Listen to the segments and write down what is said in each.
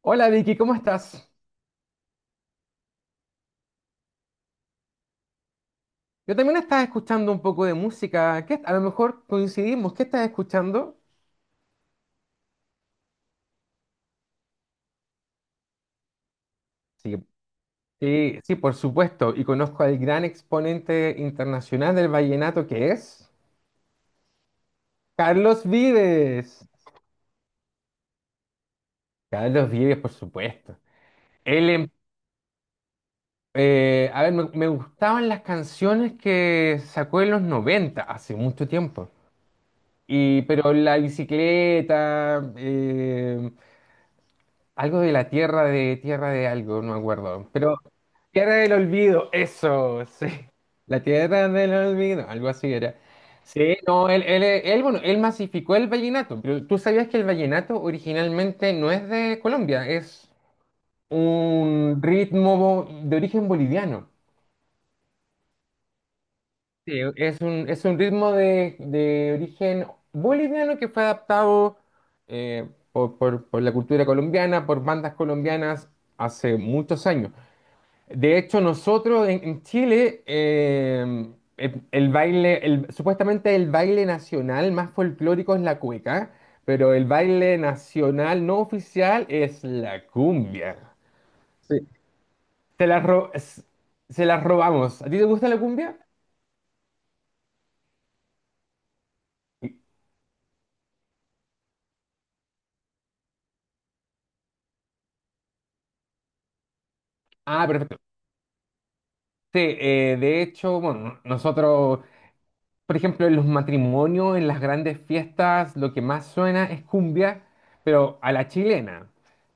Hola Vicky, ¿cómo estás? Yo también estaba escuchando un poco de música. A lo mejor coincidimos. ¿Qué estás escuchando? Sí, sí, sí, por supuesto. Y conozco al gran exponente internacional del vallenato que es Carlos Vives. Carlos Vives, por supuesto. Él, em- a ver, me gustaban las canciones que sacó en los 90, hace mucho tiempo. Pero La Bicicleta, algo de la tierra de algo, no me acuerdo. Pero tierra del olvido, eso, sí. La tierra del olvido, algo así era. Sí, no, él, bueno, él masificó el vallenato, pero tú sabías que el vallenato originalmente no es de Colombia, es un ritmo de origen boliviano. Sí, es un ritmo de origen boliviano que fue adaptado, por la cultura colombiana, por bandas colombianas hace muchos años. De hecho, nosotros en Chile, supuestamente el baile nacional más folclórico es la cueca, pero el baile nacional no oficial es la cumbia. Sí. Se la, ro- s- Se la robamos. ¿A ti te gusta la cumbia? Ah, perfecto. Sí, de hecho, bueno, nosotros Por ejemplo, en los matrimonios, en las grandes fiestas, lo que más suena es cumbia, pero a la chilena.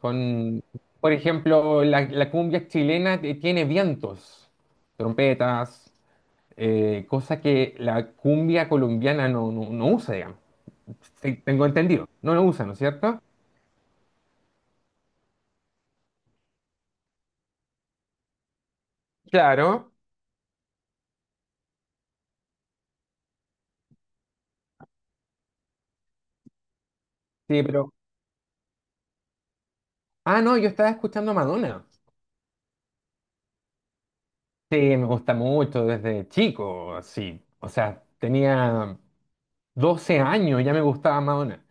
Con, por ejemplo, la cumbia chilena tiene vientos, trompetas, cosa que la cumbia colombiana no usa, digamos. Sí, tengo entendido. No lo usa, ¿no es cierto? Claro. Sí, pero... Ah, no, yo estaba escuchando a Madonna. Sí, me gusta mucho desde chico, sí. O sea, tenía 12 años, ya me gustaba Madonna.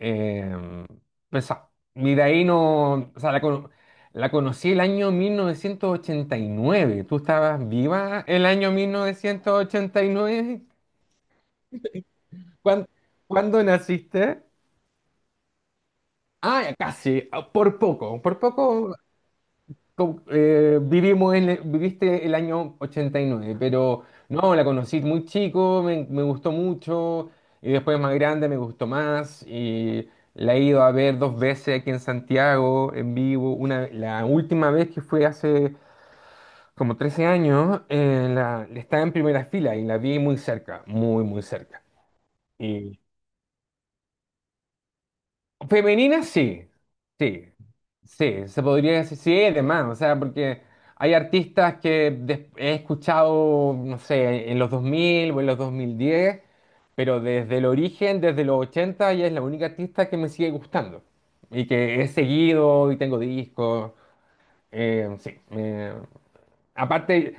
Eh, pues, y de ahí no, o sea, la conocí el año 1989. ¿Tú estabas viva el año 1989? ¿Cuán- ¿Cuándo naciste? Ya casi, por poco, vivimos viviste el año 89, pero no, la conocí muy chico, me gustó mucho, y después más grande me gustó más, y la he ido a ver dos veces aquí en Santiago, en vivo, una, la última vez que fue hace como 13 años. Estaba en primera fila y la vi muy cerca, muy, muy cerca. Femenina sí, sí, sí, se podría decir, sí, además, o sea, porque hay artistas que he escuchado, no sé, en los 2000 o en los 2010, pero desde el origen, desde los 80, ella es la única artista que me sigue gustando y que he seguido y tengo discos, sí. Aparte,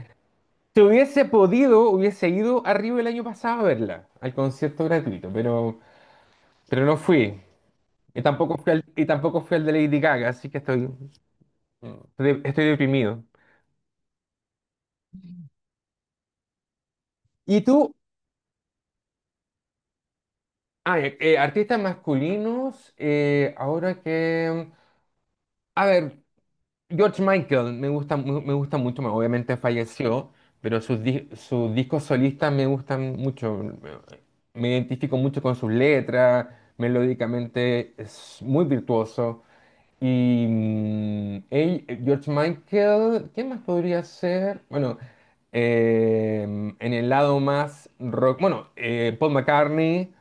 si hubiese podido, hubiese ido a Río el año pasado a verla, al concierto gratuito, pero, no fui. Y tampoco fui al, de Lady Gaga, así que estoy, estoy deprimido. ¿Y tú? Artistas masculinos, ahora que... A ver, George Michael me gusta, me gusta mucho, obviamente falleció, pero sus discos solistas me gustan mucho. Me identifico mucho con sus letras, melódicamente es muy virtuoso. George Michael, ¿qué más podría ser? Bueno, en el lado más rock, bueno, Paul McCartney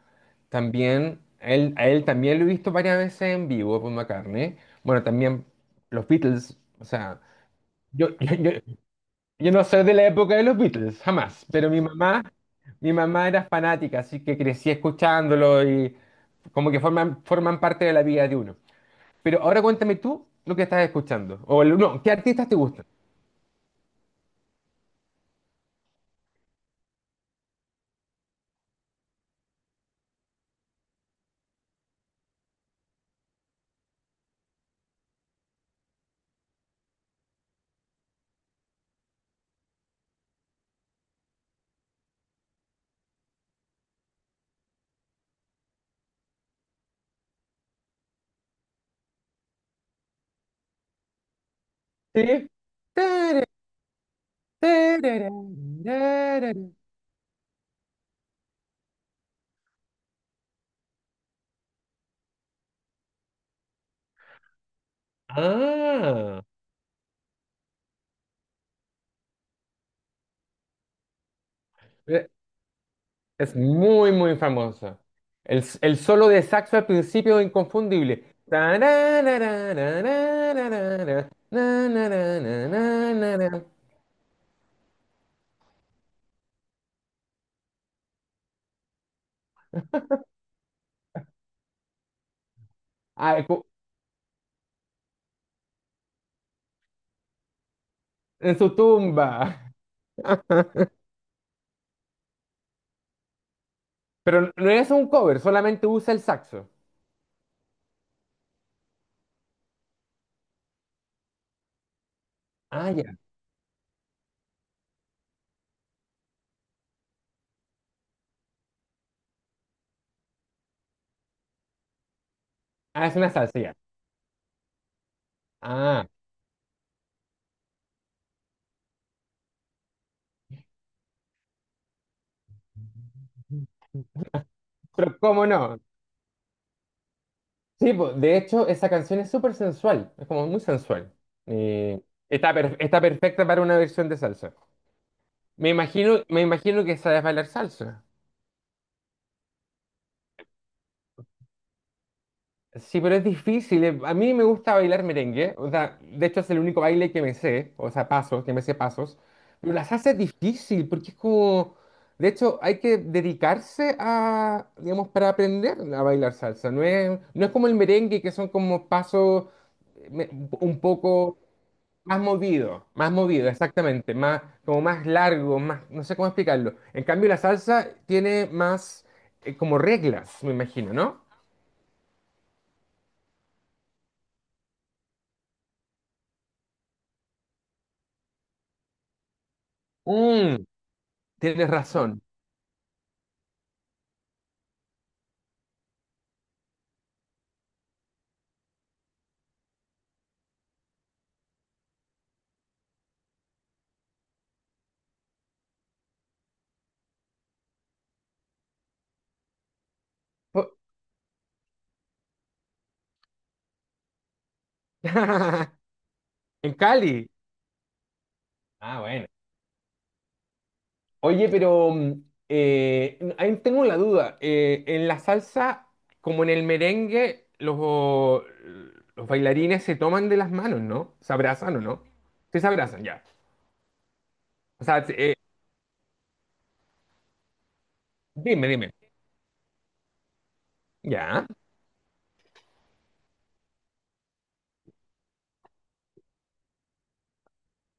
también, a él también lo he visto varias veces en vivo, Paul McCartney. Bueno, también los Beatles, o sea, yo, yo, yo, yo no soy de la época de los Beatles, jamás, pero mi mamá era fanática, así que crecí escuchándolo y como que forman parte de la vida de uno. Pero ahora cuéntame tú lo que estás escuchando. O el- no, ¿Qué artistas te gustan? Sí. Tere, tereré, tereré. Ah, eh, es muy, muy famosa. El solo de saxo al principio es inconfundible. Tarararararararara, nanananananana. Ah, cu- en su tumba. Pero no es un cover, solamente usa el saxo. Ah, ya. Ah, es una salsa, ya. Ah, ¿pero cómo no? Sí, po, de hecho, esa canción es súper sensual, es como muy sensual. Eh, Está perfecta para una versión de salsa. Me imagino que sabes bailar salsa. Sí, pero es difícil. A mí me gusta bailar merengue. O sea, de hecho es el único baile que me sé, o sea, pasos, que me sé pasos. Pero la salsa es difícil porque es como... De hecho, hay que dedicarse a, digamos, para aprender a bailar salsa. No es como el merengue, que son como pasos, eh, me- un poco. Más movido, exactamente, más, como más largo, más, no sé cómo explicarlo. En cambio, la salsa tiene más, como reglas, me imagino, ¿no? Mm, tienes razón. Po- En Cali. Ah, bueno. Oye, pero ahí tengo la duda. En la salsa, como en el merengue, los bailarines se toman de las manos, ¿no? ¿Se abrazan o no? Sí, se abrazan, ya. O sea, dime, dime. Ya,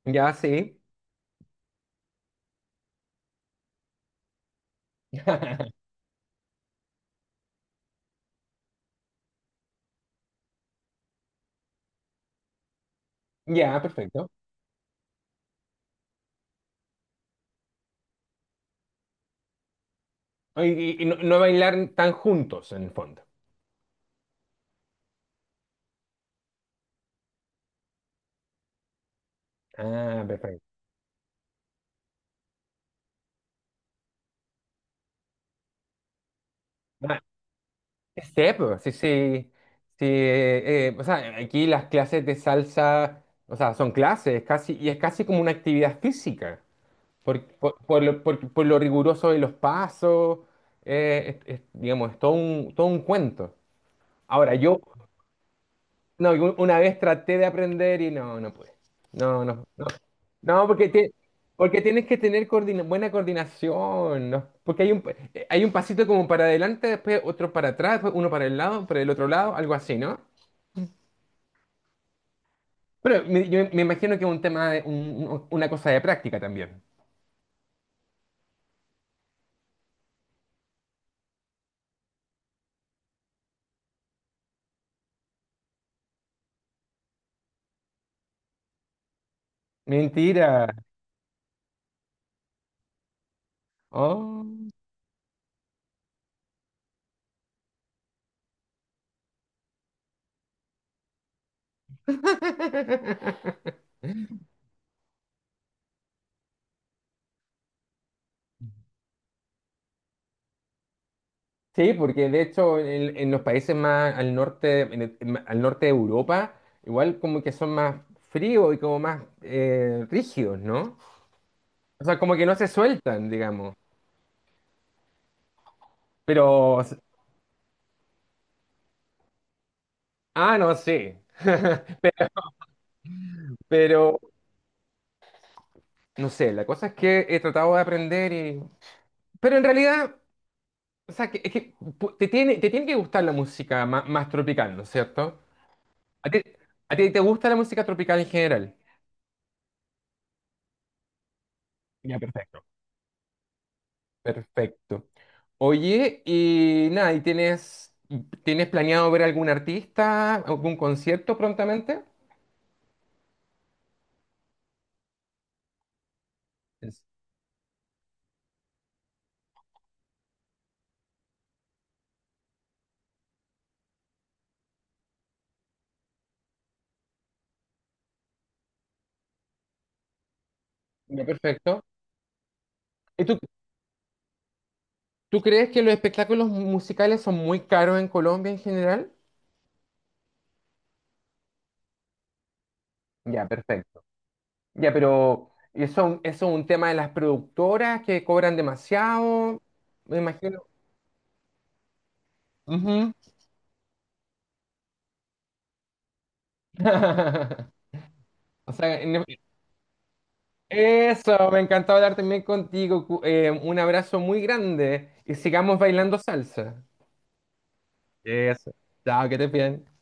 ya, sí. Ya, perfecto. Y no, bailar tan juntos en el fondo. Ah, perfecto. Ah, sí, pues, sí, sí. Sí, o sea, aquí las clases de salsa, o sea, son clases, casi, y es casi como una actividad física, por lo riguroso de los pasos, es, digamos, es todo un cuento. Ahora, no, una vez traté de aprender y no pude. No, no, no. No, porque tienes que tener buena coordinación, ¿no? Porque hay un pasito como para adelante, después otro para atrás, después uno para el lado, para el otro lado, algo así, ¿no? Pero yo me imagino que es un tema, una cosa de práctica también. Mentira. Oh. Sí, porque de hecho en los países más al norte, al norte de Europa, igual como que son más fríos y como más, rígidos, ¿no? O sea, como que no se sueltan, digamos. Pero, no sé. Pero, no sé, la cosa es que he tratado de aprender y... Pero en realidad, o sea, que, es que pu- te tiene, que gustar la música más tropical, ¿no es cierto? ¿A ti, a ti te gusta la música tropical en general? Ya, perfecto. Perfecto. Oye, y nada, ¿y tienes planeado ver algún artista, algún concierto prontamente? Es- Ya, perfecto. ¿Y tú crees que los espectáculos musicales son muy caros en Colombia en general? Ya, perfecto. Ya, pero eso es un tema de las productoras que cobran demasiado, me imagino. Ujú. O sea, eso, me encantó hablar también contigo. Un abrazo muy grande y sigamos bailando salsa. Eso. Chao, que te bien.